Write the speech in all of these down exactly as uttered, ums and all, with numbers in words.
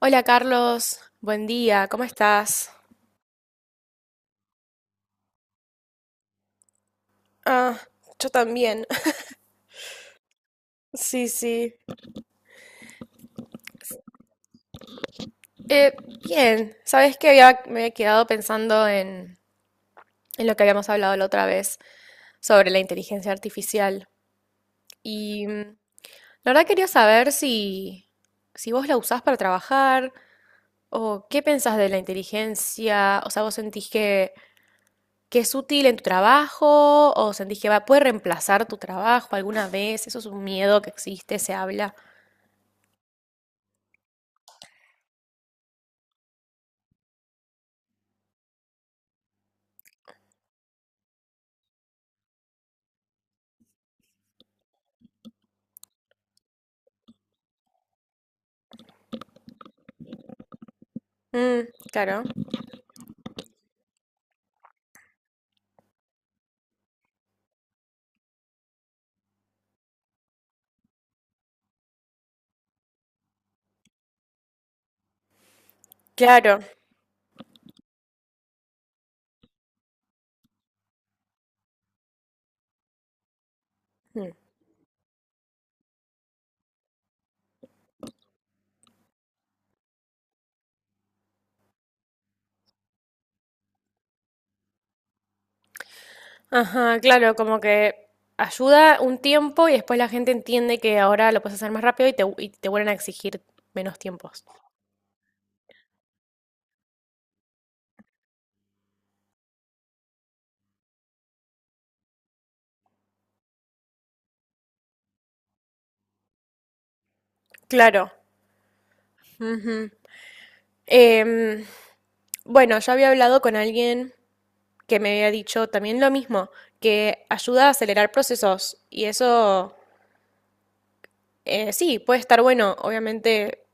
Hola Carlos, buen día, ¿cómo estás? Ah, yo también. Sí, sí. Eh, bien, sabes que había, me había quedado pensando en, en lo que habíamos hablado la otra vez sobre la inteligencia artificial. Y mm, la verdad quería saber si, si vos la usás para trabajar o qué pensás de la inteligencia. O sea, ¿vos sentís que, que es útil en tu trabajo o sentís que va, puede reemplazar tu trabajo alguna vez? Eso es un miedo que existe, se habla. Mm, claro, claro. Mm. Ajá, claro, como que ayuda un tiempo y después la gente entiende que ahora lo puedes hacer más rápido y te, y te vuelven a exigir menos tiempos. Claro. Em, bueno, yo había hablado con alguien que me había dicho también lo mismo, que ayuda a acelerar procesos y eso eh, sí, puede estar bueno, obviamente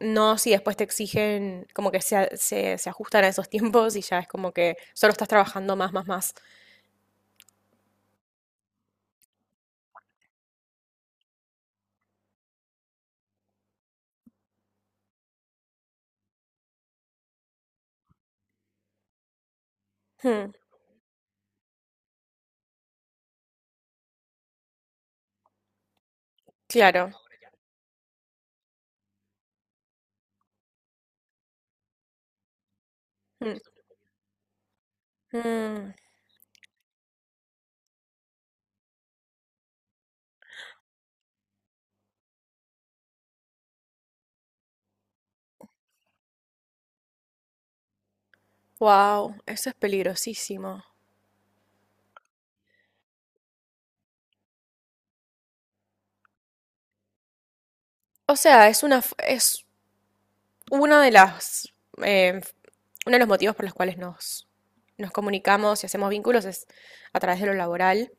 no si después te exigen como que se, a- se, se ajustan a esos tiempos y ya es como que solo estás trabajando más, más, más. Claro. Wow, eso es peligrosísimo. O sea, es una, f- es una de las, eh, uno de los motivos por los cuales nos, nos comunicamos y hacemos vínculos es a través de lo laboral.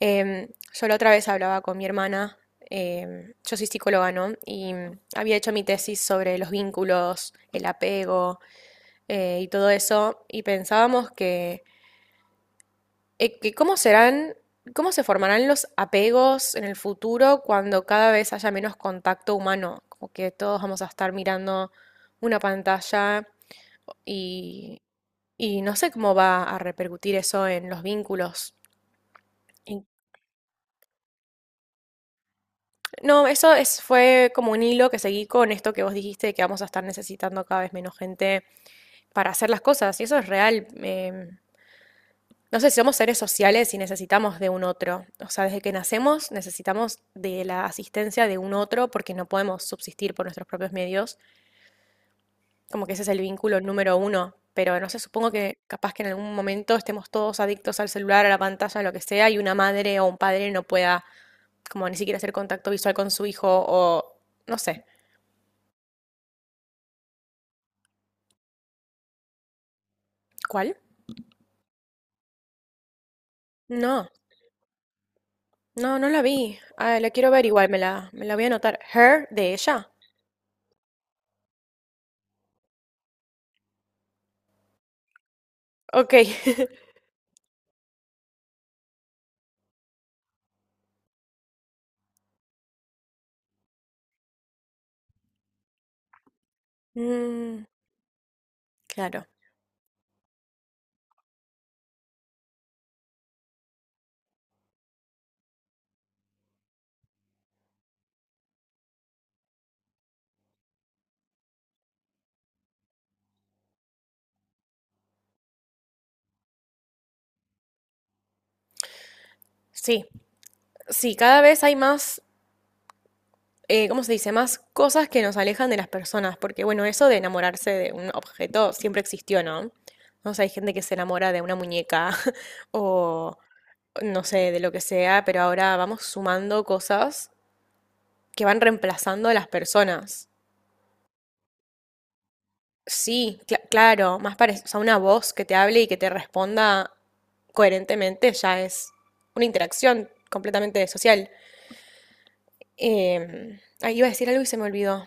Em, yo la otra vez hablaba con mi hermana, em, yo soy psicóloga, ¿no? Y mm, había hecho mi tesis sobre los vínculos, el apego eh, y todo eso, y pensábamos que eh, que ¿cómo serán, cómo se formarán los apegos en el futuro cuando cada vez haya menos contacto humano? Como que todos vamos a estar mirando una pantalla y, y no sé cómo va a repercutir eso en los vínculos. Y- no, eso es, fue como un hilo que seguí con esto que vos dijiste de que vamos a estar necesitando cada vez menos gente para hacer las cosas. Y eso es real. em, No sé, somos seres sociales y necesitamos de un otro. O sea, desde que nacemos necesitamos de la asistencia de un otro porque no podemos subsistir por nuestros propios medios. Como que ese es el vínculo número uno. Pero no sé, supongo que capaz que en algún momento estemos todos adictos al celular, a la pantalla, a lo que sea, y una madre o un padre no pueda como ni siquiera hacer contacto visual con su hijo o no sé. ¿Cuál? No, no, no la vi. Ah, la quiero ver igual, me la, me la voy a anotar. Her, de ella. Ok. Mm, claro. Sí. Sí, cada vez hay más, eh, ¿cómo se dice? Más cosas que nos alejan de las personas, porque bueno, eso de enamorarse de un objeto siempre existió, ¿no? No sé, hay gente que se enamora de una muñeca o no sé, de lo que sea, pero ahora vamos sumando cosas que van reemplazando a las personas. Sí, cla- claro, más parecido, o sea, una voz que te hable y que te responda coherentemente ya es una interacción completamente social. Em, ah, iba a decir algo y se me olvidó.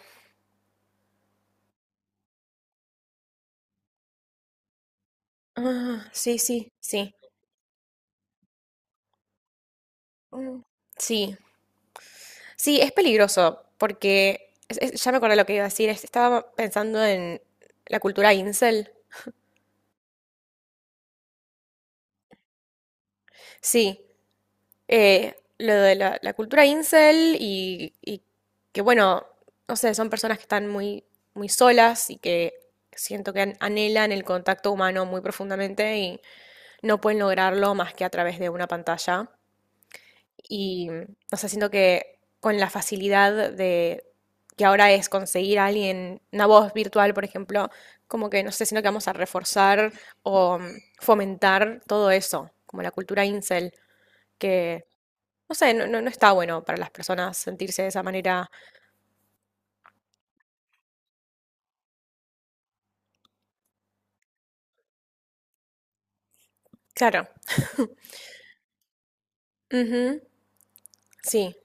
Ah, sí, sí, sí. Mm, sí, sí, es peligroso porque es- es- ya me acordé lo que iba a decir. es- Estaba pensando en la cultura incel. Sí, eh, lo de la, la cultura incel y, y que bueno, no sé, son personas que están muy, muy solas y que siento que an- anhelan el contacto humano muy profundamente y no pueden lograrlo más que a través de una pantalla. Y, o sea, siento que con la facilidad de que ahora es conseguir a alguien, una voz virtual, por ejemplo, como que, no sé, siento que vamos a reforzar o mm, fomentar todo eso, como la cultura incel, que, no sé, no, no, no está bueno para las personas sentirse de esa manera. Claro. Ujú, sí.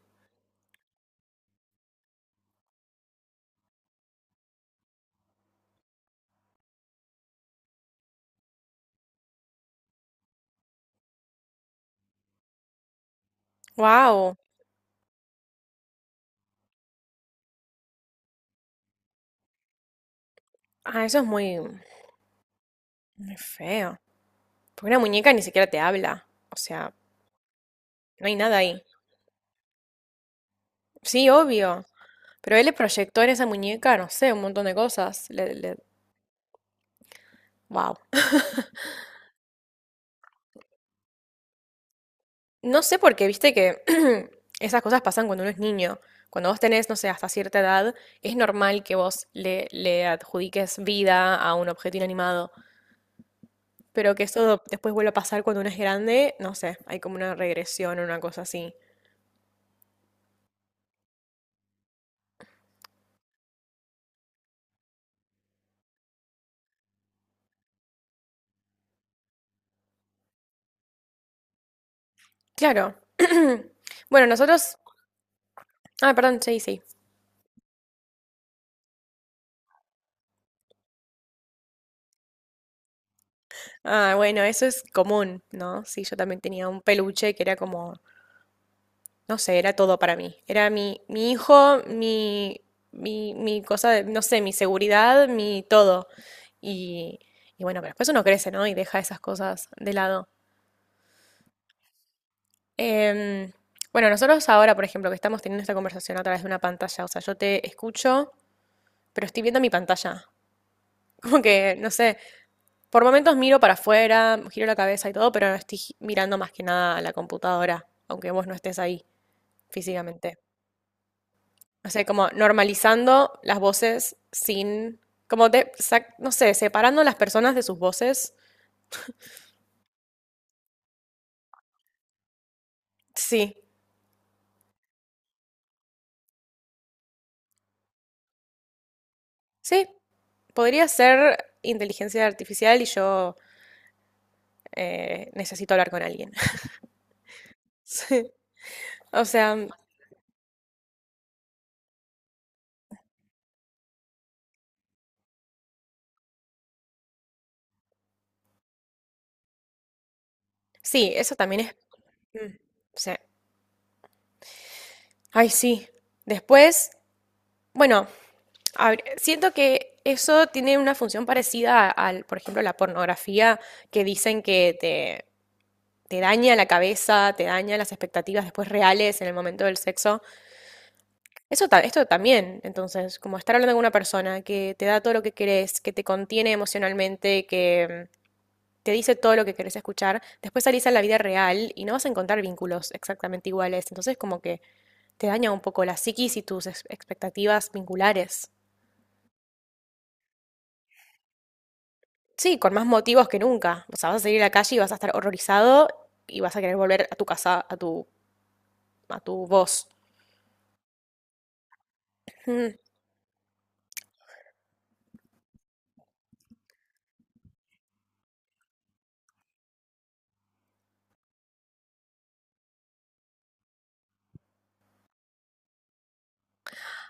Wow. Ah, eso es muy, muy feo. Porque una muñeca ni siquiera te habla. O sea, no hay nada ahí. Sí, obvio. Pero él le proyectó en esa muñeca, no sé, un montón de cosas. Le, le- wow. No sé por qué, viste que esas cosas pasan cuando uno es niño. Cuando vos tenés, no sé, hasta cierta edad, es normal que vos le, le adjudiques vida a un objeto inanimado. Pero que eso después vuelva a pasar cuando uno es grande, no sé, hay como una regresión o una cosa así. Claro. Bueno, nosotros... Ah, perdón, sí, sí. Ah, bueno, eso es común, ¿no? Sí, yo también tenía un peluche que era como no sé, era todo para mí. Era mi, mi hijo, mi, mi, mi cosa, de- no sé, mi seguridad, mi todo. Y, y bueno, pero después uno crece, ¿no? Y deja esas cosas de lado. Em, bueno, nosotros ahora, por ejemplo, que estamos teniendo esta conversación a través de una pantalla, o sea, yo te escucho, pero estoy viendo mi pantalla. Como que, no sé, por momentos miro para afuera, giro la cabeza y todo, pero no estoy gi- mirando más que nada a la computadora, aunque vos no estés ahí físicamente. O sea, como normalizando las voces sin, como de, sac- no sé, separando las personas de sus voces. Sí, sí, podría ser inteligencia artificial y yo eh, necesito hablar con alguien. Sí. O sea, sí, eso también es... mm, sí. Ay, sí. Después, bueno, habr- siento que eso tiene una función parecida al, por ejemplo, la pornografía que dicen que te te daña la cabeza, te daña las expectativas después reales en el momento del sexo. Eso esto también, entonces, como estar hablando con una persona que te da todo lo que querés, que te contiene emocionalmente, que mm, te dice todo lo que querés escuchar, después salís a la vida real y no vas a encontrar vínculos exactamente iguales. Entonces, como que te daña un poco la psiquis y tus expectativas vinculares. Sí, con más motivos que nunca. O sea, vas a salir a la calle y vas a estar horrorizado y vas a querer volver a tu casa, a tu, a tu voz. Mm,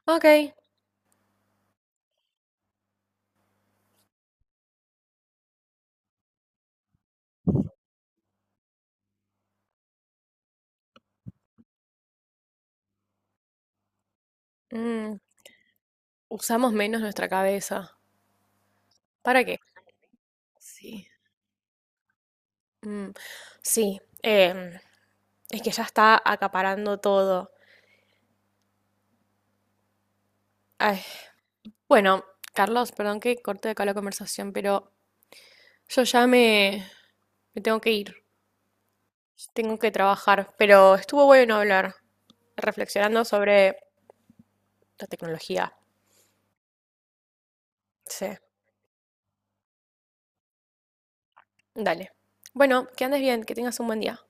ok. Mm, usamos menos nuestra cabeza. ¿Para qué? Sí. Mm, sí, em, es que ya está acaparando todo. Ay, bueno, Carlos, perdón que corte acá la conversación, pero yo ya me, me tengo que ir. Tengo que trabajar, pero estuvo bueno hablar, reflexionando sobre la tecnología. Sí, dale. Bueno, que andes bien, que tengas un buen día.